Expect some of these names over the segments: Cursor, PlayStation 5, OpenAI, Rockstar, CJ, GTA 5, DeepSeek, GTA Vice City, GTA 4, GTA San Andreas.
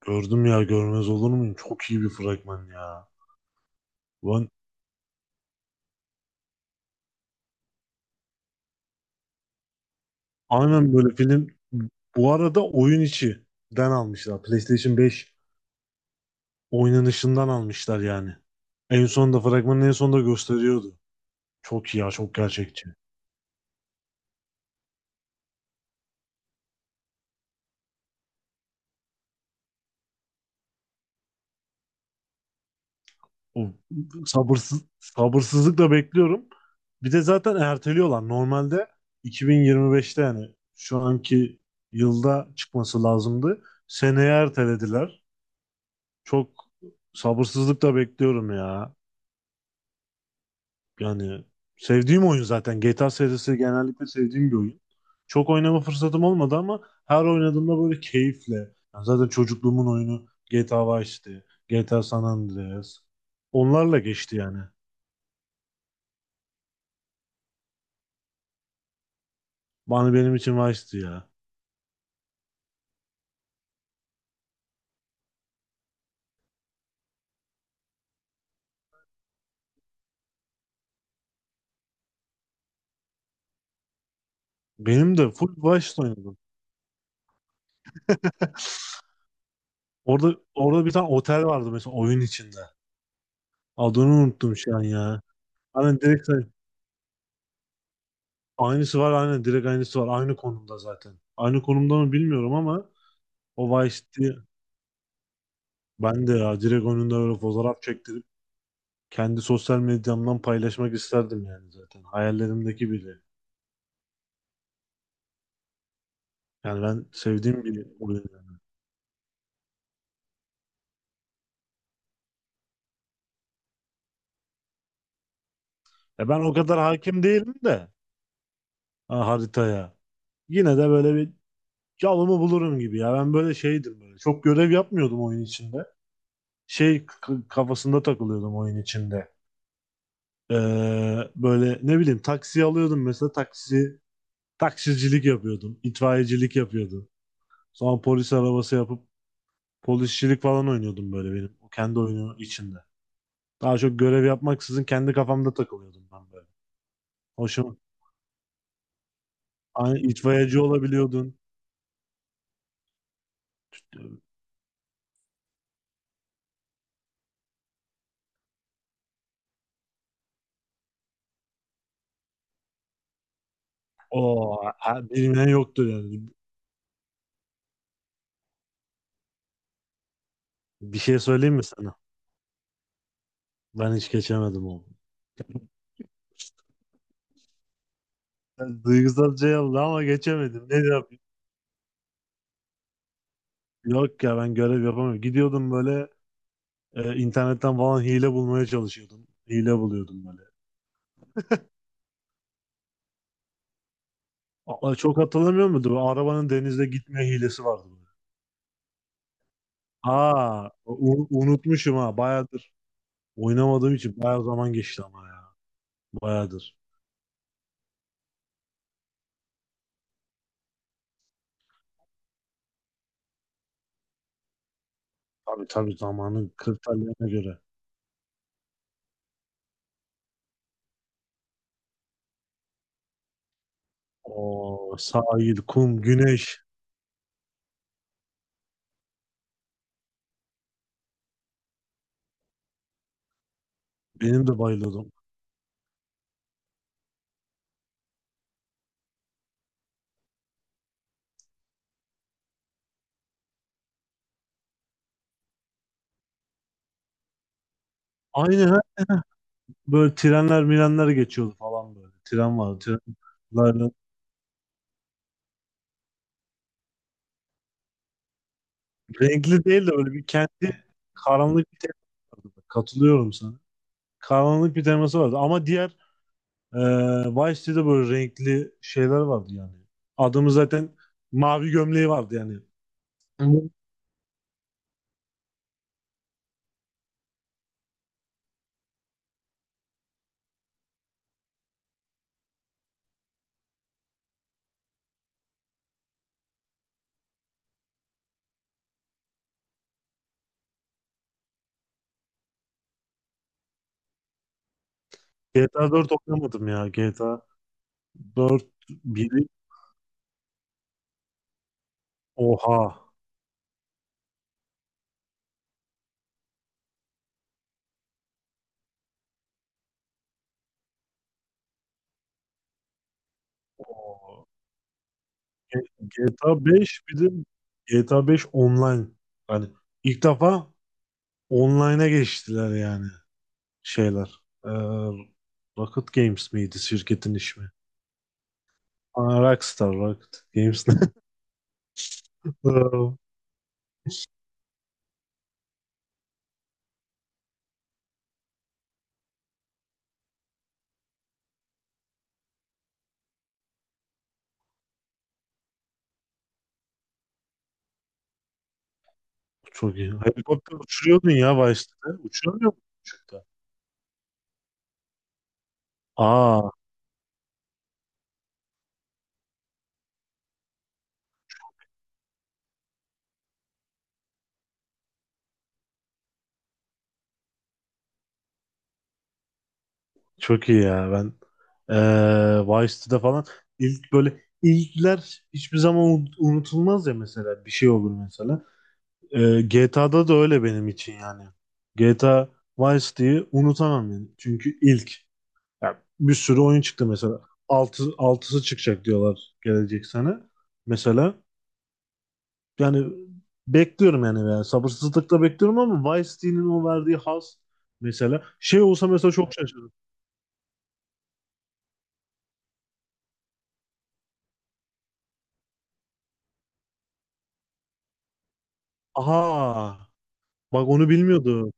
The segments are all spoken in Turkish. Gördüm ya, görmez olur muyum? Çok iyi bir fragman ya. Ulan, aynen, böyle film. Bu arada oyun içinden almışlar. PlayStation 5 oynanışından almışlar yani. En sonunda, fragmanın en sonunda gösteriyordu. Çok iyi ya, çok gerçekçi. O, sabırsızlıkla bekliyorum. Bir de zaten erteliyorlar. Normalde 2025'te, yani şu anki yılda çıkması lazımdı. Seneye ertelediler. Çok sabırsızlıkla bekliyorum ya. Yani sevdiğim oyun zaten. GTA serisi genellikle sevdiğim bir oyun. Çok oynama fırsatım olmadı ama her oynadığımda böyle keyifle. Yani zaten çocukluğumun oyunu GTA Vice'ti. GTA San Andreas. Onlarla geçti yani. Bana, benim için Vice'ti ya. Benim de full Vice'de oynadım. Orada bir tane otel vardı mesela oyun içinde. Adını unuttum şu an ya. Hani direkt aynısı var, aynen, direkt aynısı var. Aynı konumda zaten. Aynı konumda mı bilmiyorum ama o Vice ben de ya direkt önünde böyle fotoğraf çektirip kendi sosyal medyamdan paylaşmak isterdim yani zaten. Hayallerimdeki biri. Yani ben sevdiğim bir oyun yani. E, ben o kadar hakim değilim de ha, haritaya. Yine de böyle bir yolumu bulurum gibi ya. Ben böyle şeydim böyle. Çok görev yapmıyordum oyun içinde. Kafasında takılıyordum oyun içinde. Ee, Böyle ne bileyim, taksi alıyordum mesela, taksicilik yapıyordum. İtfaiyecilik yapıyordum. Sonra polis arabası yapıp polisçilik falan oynuyordum böyle benim. O kendi oyunu içinde. Daha çok görev yapmaksızın kendi kafamda takılıyordum ben böyle. Hoşuma. Aynı, itfaiyeci olabiliyordun. O, bilmeyen yoktur yani. Bir şey söyleyeyim mi sana? Ben hiç geçemedim onu. Duygusal şey oldu ama geçemedim. Ne yapayım? Yok ya, ben görev yapamıyorum. Gidiyordum böyle, internetten falan hile bulmaya çalışıyordum. Hile buluyordum böyle. Aa, çok hatırlamıyor muydun? Bu arabanın denizde gitme hilesi vardı böyle. Aa, unutmuşum ha. Oynamadığım için bayağı zaman geçti ama ya. Bayağıdır. Tabii tabii, zamanın kriterlerine göre. O sahil, kum, güneş. Benim de bayılıyordum. Aynı ha, Böyle trenler mirenler geçiyordu falan böyle. Tren vardı. Trenler Renkli değil de böyle bir kendi, karanlık bir tema. Katılıyorum sana. Karanlık bir teması vardı. Ama diğer, e, Vice City'de böyle renkli şeyler vardı yani. Adamı zaten mavi gömleği vardı yani. GTA 4 oynamadım ya. GTA dört biri. Oha. Oo. G- GTA 5. Bir de GTA 5 online. Hani ilk defa online'a geçtiler yani, şeyler. Ee, Rocket Games miydi şirketin ismi? Aa, Rockstar Rocket Games. Aa, çok iyi. Helikopter uçuruyordun ya başta. Uçuramıyor musun uçakta? Aa, çok iyi ya. Ben Vice'de falan, böyle ilkler hiçbir zaman unutulmaz ya, mesela bir şey olur mesela. GTA'da da öyle benim için yani. GTA Vice City'yi unutamam yani. Çünkü ilk, yani bir sürü oyun çıktı mesela. Altısı çıkacak diyorlar gelecek sene. Mesela yani bekliyorum yani, sabırsızlıkla bekliyorum ama Vice City'nin o verdiği haz, mesela şey olsa mesela çok şaşırırım. Aha. Bak, onu bilmiyordu.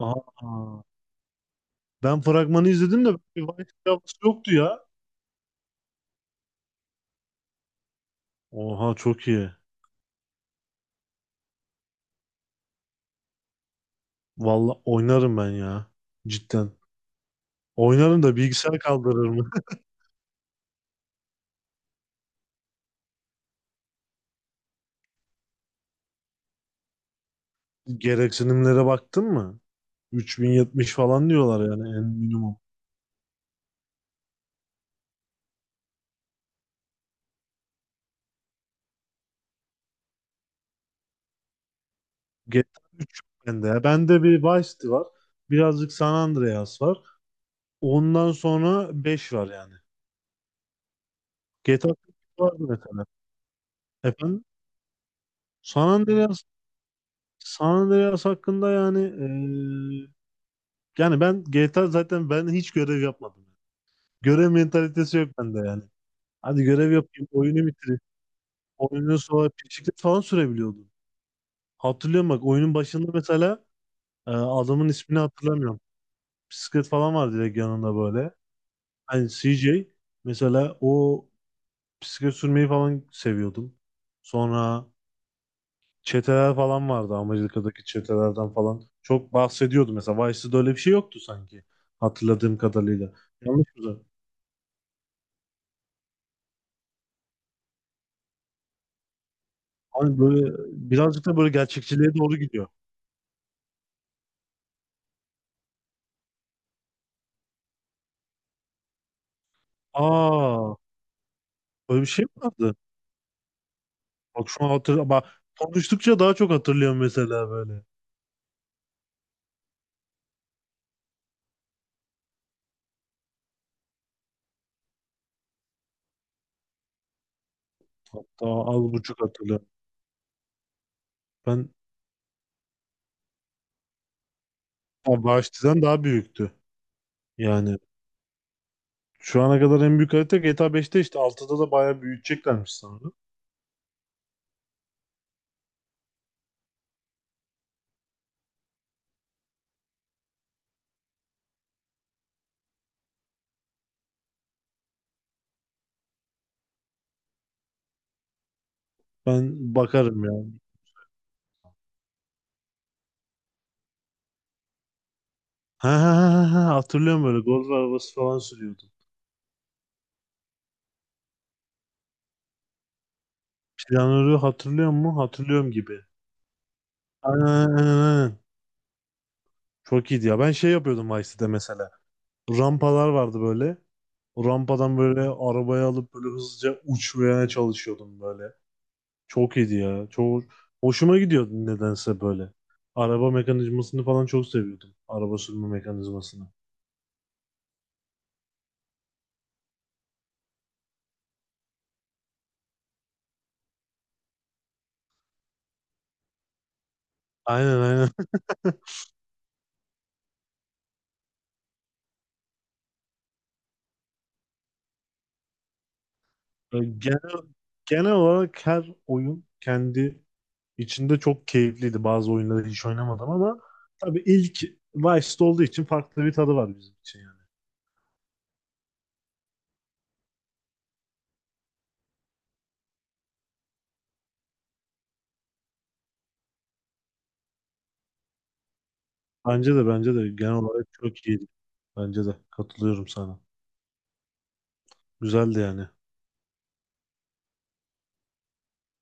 Aa, ben fragmanı izledim de bir Vice havası yoktu ya. Oha çok iyi. Valla oynarım ben ya. Cidden. Oynarım da, bilgisayar kaldırır mı? Gereksinimlere baktın mı? 3070 falan diyorlar yani, en minimum. GTA 3 yok bende ya. Bende bir Vice City var. Birazcık San Andreas var. Ondan sonra 5 var yani. GTA 3 var mesela. Efendim? San Andreas San Andreas hakkında yani, eee yani ben GTA zaten, ben hiç görev yapmadım. Görev mentalitesi yok bende yani. Hadi görev yapayım, oyunu bitireyim. Oyunun sonra bisiklet falan sürebiliyordum. Hatırlıyorum, bak, oyunun başında mesela, adamın ismini hatırlamıyorum. Bisiklet falan var direkt yanında böyle. Hani CJ, mesela o bisiklet sürmeyi falan seviyordum. Sonra çeteler falan vardı, Amerika'daki çetelerden falan çok bahsediyordu mesela. Vice'de öyle bir şey yoktu sanki, hatırladığım kadarıyla. Yanlış mı? Hani böyle birazcık da böyle gerçekçiliğe doğru gidiyor. Aa, böyle bir şey mi vardı? Bak şu an bak konuştukça daha çok hatırlıyorum mesela böyle. Hatta az buçuk hatırlıyorum. Ben Ya Vahşti'den daha büyüktü. Yani şu ana kadar en büyük harita GTA 5'te, işte 6'da da bayağı büyüteceklermiş sanırım. Ben bakarım yani. Ha, hatırlıyorum, böyle golf arabası falan sürüyordu. Planörü hatırlıyor mu? Hatırlıyorum gibi. Aynen aynen aynen. Çok iyiydi ya. Ben şey yapıyordum Vice'de mesela, rampalar vardı böyle. O rampadan böyle arabayı alıp böyle hızlıca uçmaya çalışıyordum böyle. Çok iyiydi ya. Çok hoşuma gidiyordu nedense böyle. Araba mekanizmasını falan çok seviyordum. Araba sürme mekanizmasını. Aynen aynen. Genel, genel olarak her oyun kendi içinde çok keyifliydi. Bazı oyunları hiç oynamadım ama tabii ilk Vice'de olduğu için farklı bir tadı var bizim için yani. Bence de genel olarak çok iyiydi. Bence de, katılıyorum sana. Güzeldi yani.